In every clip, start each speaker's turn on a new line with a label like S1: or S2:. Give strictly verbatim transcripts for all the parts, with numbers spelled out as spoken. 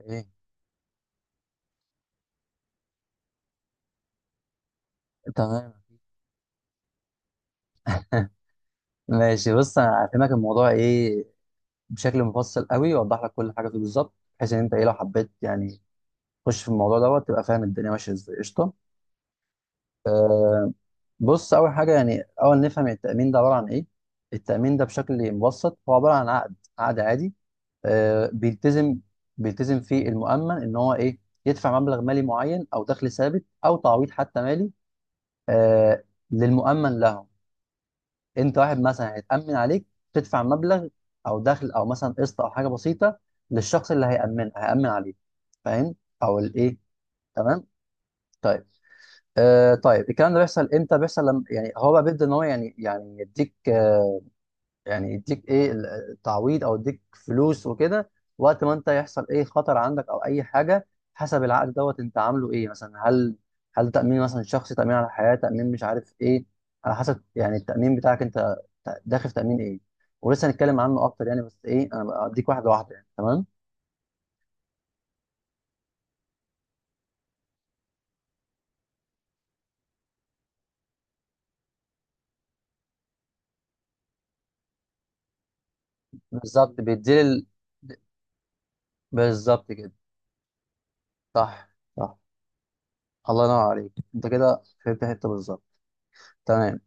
S1: ايه، تمام. ماشي بص انا هفهمك الموضوع ايه بشكل مفصل قوي واوضح لك كل حاجه فيه بالظبط. بحيث ان انت ايه لو حبيت يعني تخش في الموضوع دوت تبقى فاهم الدنيا ماشيه ازاي. قشطه. آه. بص اول حاجه، يعني اول نفهم التامين ده عباره عن ايه. التامين ده بشكل مبسط هو عباره عن عقد عقد عادي. آه، بيلتزم بيلتزم فيه المؤمن ان هو ايه، يدفع مبلغ مالي معين او دخل ثابت او تعويض حتى مالي، آه، للمؤمن له. انت واحد مثلا هيتامن عليك، تدفع مبلغ او دخل او مثلا قسط او حاجه بسيطه للشخص اللي هيامن هيامن عليك. فاهم؟ او الايه، تمام. طيب، آه طيب، الكلام ده بيحصل امتى؟ بيحصل لما يعني هو بقى بيبدا ان هو يعني يعني يديك آه، يعني يديك ايه، ال- التعويض او يديك فلوس وكده وقت ما انت يحصل ايه خطر عندك او اي حاجه حسب العقد دوت انت عامله ايه. مثلا هل هل تامين مثلا شخصي، تامين على الحياه، تامين مش عارف ايه، على حسب يعني التامين بتاعك انت ت- داخل في تامين ايه. ولسه هنتكلم عنه اكتر يعني، بس ايه انا بديك واحده واحده يعني. تمام. بالظبط بيديل ال... بالظبط كده. صح، صح. الله ينور عليك، انت كده فهمت حته بالظبط. تمام.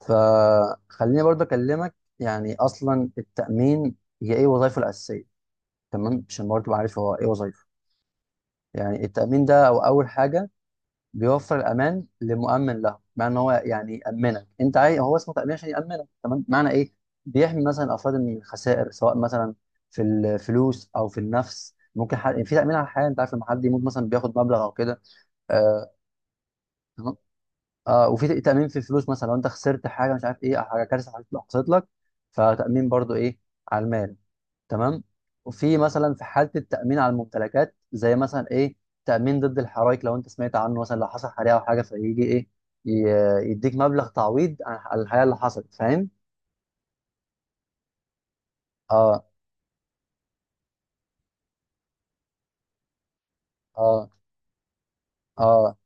S1: فخليني برضه اكلمك يعني اصلا التامين هي ايه وظائفه الاساسيه. تمام، عشان برضه تبقى عارف هو ايه وظائفه يعني التامين ده. او اول حاجه، بيوفر الامان لمؤمن له، بمعنى ان هو يعني يامنك انت، عايز هو اسمه تامين عشان يامنك. تمام، معنى ايه، بيحمي مثلا افراد من الخسائر سواء مثلا في الفلوس او في النفس. ممكن حد... يعني في تامين على الحياه انت عارف، لما حد يموت مثلا بياخد مبلغ او كده. آه. آه، وفي تأمين في الفلوس، مثلا لو انت خسرت حاجه مش عارف ايه، او حاجه كارثه حصلت حصلت لك، فتأمين برضو ايه، على المال. تمام. وفي مثلا في حاله التأمين على الممتلكات، زي مثلا ايه، تأمين ضد الحرائق. لو انت سمعت عنه مثلا، لو حصل حريقه او حاجه فيجي ايه، ي- يديك مبلغ تعويض عن على الحريقه اللي حصلت. فاهم؟ اه، اه. اه،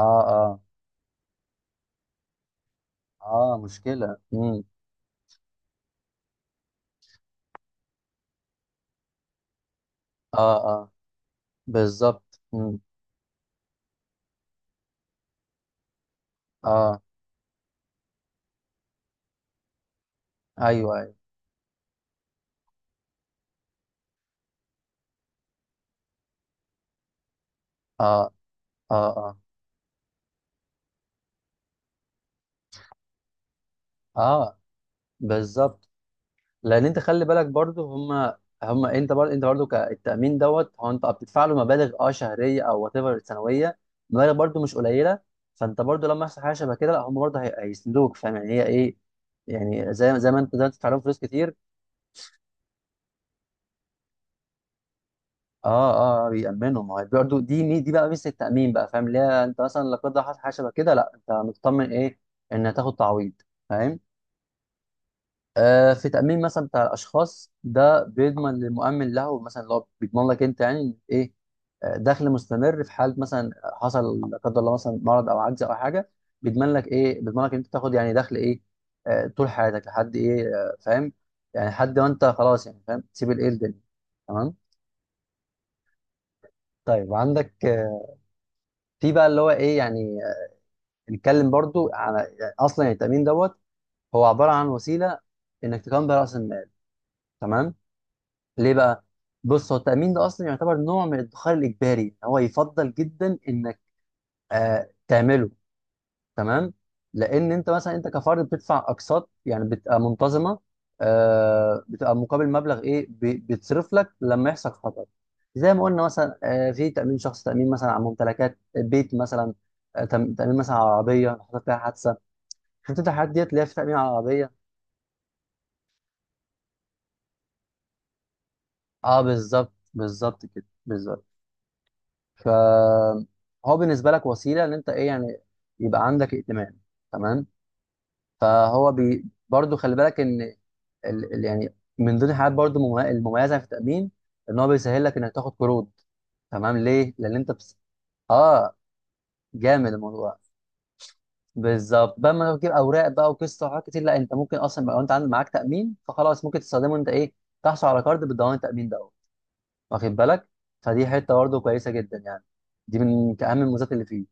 S1: اه، اه، اه مشكله. امم اه، اه، بالظبط. امم اه، ايوه ايوه. اه، اه. اه، اه. بالظبط. لان انت خلي بالك برضو، هم هم انت برضو، انت برضو كالتامين دوت هو انت بتدفع له مبالغ اه شهريه او وات ايفر سنويه. مبالغ برضو مش قليله. فانت برضو لما يحصل حاجه شبه كده لا هم برضو هي- هيسندوك. فاهم يعني هي ايه، يعني زي زي ما انت زي ما انت بتدفع لهم فلوس كتير. اه. اه، بيأمنوا، ما هو برضو دي مي دي بقى ميزه التأمين بقى. فاهم؟ اللي هي انت مثلا لا قدر الله حصل حاجه شبه كده، لا انت مطمن ايه، ان هتاخد تعويض. فاهم؟ آه، في تأمين مثلا بتاع الأشخاص ده بيضمن للمؤمن له، مثلا اللي هو بيضمن لك أنت يعني إن إيه، آه، دخل مستمر في حال مثلا حصل لا قدر الله مثلا مرض أو عجز أو حاجة، بيضمن لك إيه، بيضمن لك أنت تاخد يعني دخل إيه، آه، طول حياتك لحد إيه، آه، فاهم؟ يعني لحد ما أنت خلاص يعني فاهم تسيب الإيه، الدنيا. تمام. طيب عندك آه، في بقى اللي هو إيه يعني، آه، نتكلم برضو على يعني أصلا يعني التأمين دوت هو عبارة عن وسيلة إنك تكون بيها رأس المال. تمام. ليه بقى؟ بص هو التأمين ده أصلا يعتبر نوع من الادخار الإجباري. هو يفضل جدا إنك آه تعمله. تمام؟ لأن أنت مثلا أنت كفرد بتدفع أقساط يعني بتبقى منتظمة، آه بتبقى مقابل مبلغ إيه، ب- بيتصرف لك لما يحصل خطر. زي ما قلنا مثلا، آه في تأمين شخص، تأمين مثلا على ممتلكات بيت مثلا، آه تم- تأمين مثلا على عربية لو حصل فيها حادثة. شفت أنت الحاجات ديت اللي هي في تأمين على العربية؟ أه بالظبط، بالظبط كده، بالظبط. فهو بالنسبه لك وسيله ان انت ايه يعني، يبقى عندك ائتمان. تمام. فهو بي برضو خلي بالك ان ال... ال... يعني من ضمن الحاجات برضو الممي- المميزه في التامين ان هو بيسهل لك انك تاخد قروض. تمام. ليه؟ لان انت بس... اه، جامد الموضوع. بالظبط، بدل ما تجيب اوراق بقى وقصه وحاجات كتير، لا انت ممكن اصلا بقى لو انت عندك معاك تامين فخلاص ممكن تستخدمه، انت ايه تحصل على كارد بالضمان التامين ده. واخد بالك؟ فدي حته برضه كويسه جدا يعني. دي من اهم الميزات اللي فيه.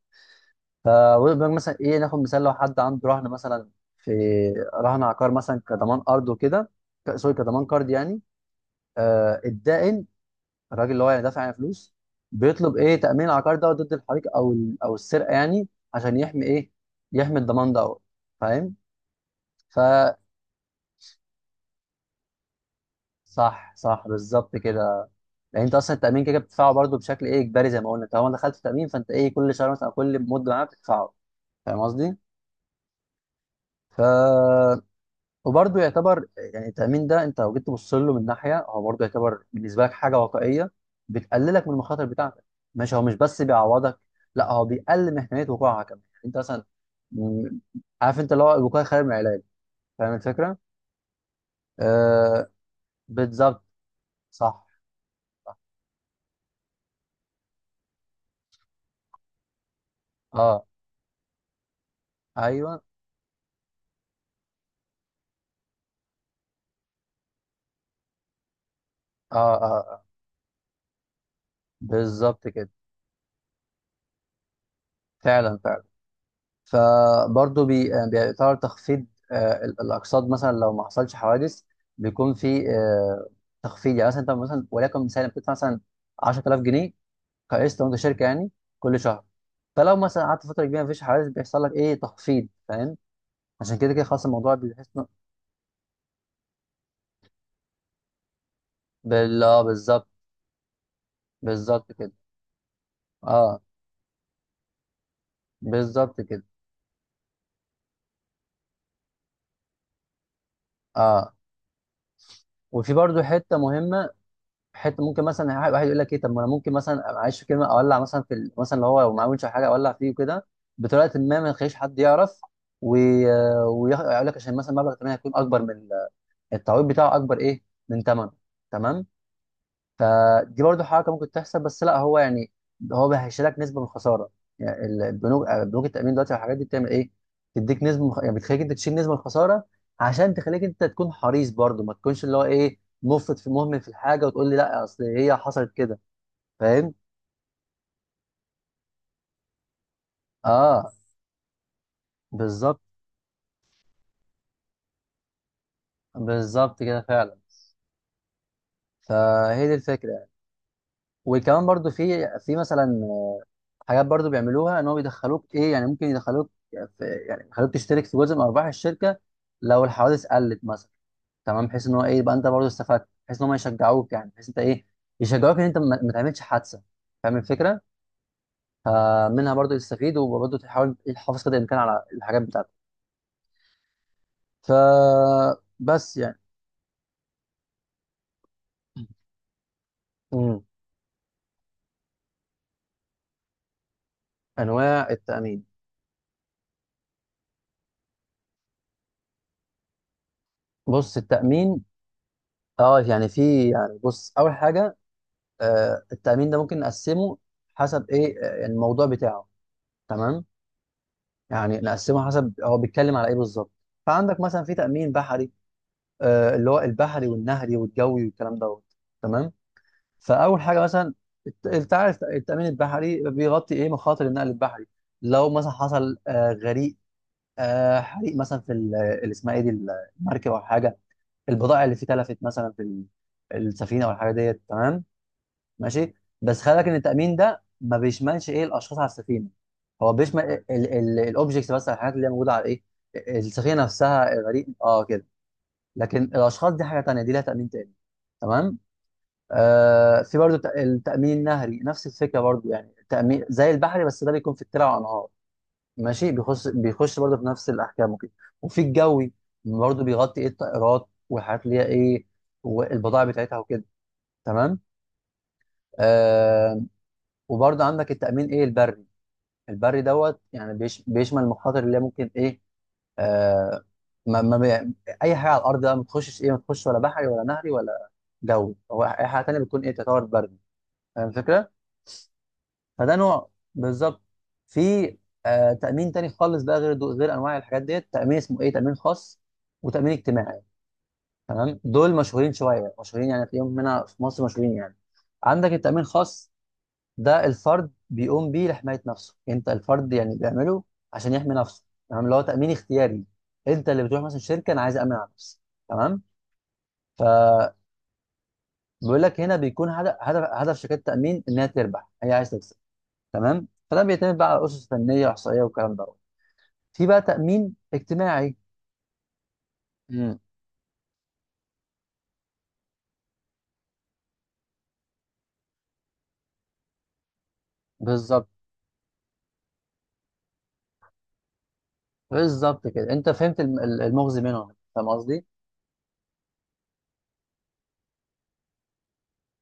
S1: فبقول مثلا ايه، ناخد مثال لو حد عنده رهن مثلا، في رهن عقار مثلا كضمان ارض وكده، ك- سوري كضمان قرض يعني. آه الدائن، الراجل اللي هو يعني دافع يعني فلوس، بيطلب ايه، تامين العقار ده ضد الحريق او ال- او السرقه يعني، عشان يحمي ايه، يحمي الضمان ده. فاهم؟ ف صح، صح، بالظبط كده. يعني انت اصلا التامين كده بتدفعه برضه بشكل ايه، اجباري زي ما قلنا. طالما دخلت في التامين فانت ايه، كل شهر مثلا أو كل مده معاك بتدفعه. فاهم قصدي؟ ف وبرضه يعتبر يعني التأمين ده أنت لو جيت تبص له من ناحية، هو برضه يعتبر بالنسبة لك حاجة واقعية بتقللك من المخاطر بتاعتك. ماشي؟ هو مش بس بيعوضك، لا هو بيقلل من احتمالية وقوعها كمان. يعني أنت مثلا م- عارف أنت اللي هو الوقاية خير من العلاج. فاهم الفكرة؟ آه، بالظبط. صح. صح. اه، ايوه، اه، اه، آه. بالظبط كده فعلا، فعلا. فبرضه بي- بيطار تخفيض آه، ال- الاقساط مثلا لو ما حصلش حوادث، بيكون في آه، تخفيض. يعني مثلا انت مثلا وليكن مثلا بتدفع مثلا عشرة آلاف جنيه كقسط، وانت شركه يعني، كل شهر. فلو مثلا قعدت فتره كبيره مفيش حوادث بيحصل لك ايه، تخفيض. فاهم؟ عشان كده كده خلاص الموضوع بيحس إنه- بال اه بالظبط، بالظبط كده. اه، بالظبط كده. اه. وفي برضه حته مهمه، حته ممكن مثلا واحد واحد يقول لك ايه، طب ما انا ممكن مثلا معلش في كلمه اولع مثلا في ال- مثلا اللي هو لو معاه وينش أو حاجه، اولع فيه وكده بطريقه ما ما تخليش حد يعرف، ويقول لك عشان مثلا مبلغ الثمن هيكون اكبر من ال- التعويض بتاعه اكبر ايه، من ثمنه. تمام. فدي برضو حركه ممكن تحصل، بس لا هو يعني هو بيهشلك نسبه من الخساره. يعني ال- البنوك، آه، بنوك التامين دلوقتي والحاجات دي بتعمل ايه؟ تديك نسبه من الخ- يعني بتخليك انت تشيل نسبه من الخساره، عشان تخليك انت تكون حريص برضو، ما تكونش اللي هو ايه، مفرط في مهمل في الحاجه وتقول لي لا اصل هي حصلت كده. فاهم؟ اه، بالظبط، بالظبط كده فعلا. فهي دي الفكره. وكمان برضو في في مثلا حاجات برضو بيعملوها ان هو بيدخلوك ايه، يعني ممكن يدخلوك في يعني يخلوك تشترك في جزء من ارباح الشركه لو الحوادث قلت مثلا. تمام. بحيث ان هو ايه، يبقى انت برضو استفدت، بحيث ان هم يشجعوك يعني، بحيث انت ايه، يشجعوك ان انت ما ما تعملش حادثه. فاهم الفكره؟ فمنها برضو تستفيد، وبرضو تحاول تحافظ قدر الامكان على الحاجات بتاعتك. ف بس يعني. مم. انواع التامين؟ بص التامين، اه يعني في يعني، بص اول حاجه، آه التامين ده ممكن نقسمه حسب ايه، آه، يعني الموضوع بتاعه. تمام. يعني نقسمها حسب هو بيتكلم على ايه بالظبط. فعندك مثلا في تأمين بحري، آه اللي هو البحري والنهري والجوي والكلام دوت. تمام. فأول حاجة مثلا الت- انت عارف التأمين البحري بيغطي ايه، مخاطر النقل البحري. لو مثلا حصل آه غريق، آه حريق مثلا في ال- اللي اسمها ايه دي، المركب او حاجة، البضائع اللي فيه تلفت مثلا في ال- السفينة او الحاجة ديت. تمام، ماشي. بس خلي بالك ان التامين ده ما بيشملش ايه، الاشخاص على السفينه. هو بيشمل الاوبجكتس بس، الحاجات اللي هي موجوده على ايه، السفينه نفسها، الغريق اه كده. لكن الاشخاص دي حاجه تانيه، دي لها تامين تاني. تمام. آه، في برضو الت- التامين النهري نفس الفكره برضو، يعني تامين زي البحري بس ده بيكون في الترع والانهار. ماشي، بيخش بيخش برضو في نفس الاحكام وكده. وفي الجوي برضو بيغطي ايه، الطائرات والحاجات اللي هي ايه، والبضائع بتاعتها وكده. تمام. آه، وبرضه عندك التأمين ايه، البري. البري دوت يعني بيش بيشمل المخاطر اللي هي ممكن ايه، آه ما ما بي... اي حاجه على الارض بقى ما تخشش ايه، ما تخش ولا بحري ولا نهري ولا جوي، هو اي حاجه تانيه بتكون ايه، تعتبر بري. فاهم الفكره؟ فده نوع، بالظبط. في آه تأمين تاني خالص بقى غير دو... غير انواع الحاجات ديت، تأمين اسمه ايه، تأمين خاص وتأمين اجتماعي. تمام. دول مشهورين شويه، مشهورين يعني تلاقيهم هنا في مصر مشهورين يعني. عندك التأمين الخاص، ده الفرد بيقوم بيه لحماية نفسه، انت الفرد يعني بيعمله عشان يحمي نفسه. تمام، اللي هو تأمين اختياري. انت اللي بتروح مثلا شركة، انا عايز أأمن على نفسي. تمام. فبيقول لك، هنا بيكون هدف هدف هدف شركات التأمين انها تربح، هي عايز تكسب. تمام. فده بيعتمد بقى على أسس فنية وإحصائية والكلام ده. في بقى تأمين اجتماعي. امم. بالظبط، بالظبط كده. انت فهمت الم- المغزي منهم. فاهم قصدي؟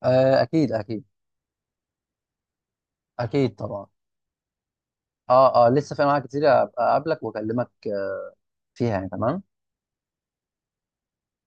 S1: آه اكيد، اكيد. اكيد طبعا. اه، اه، لسه في انواع كتير. أبقى اقابلك واكلمك آه، فيها يعني. تمام.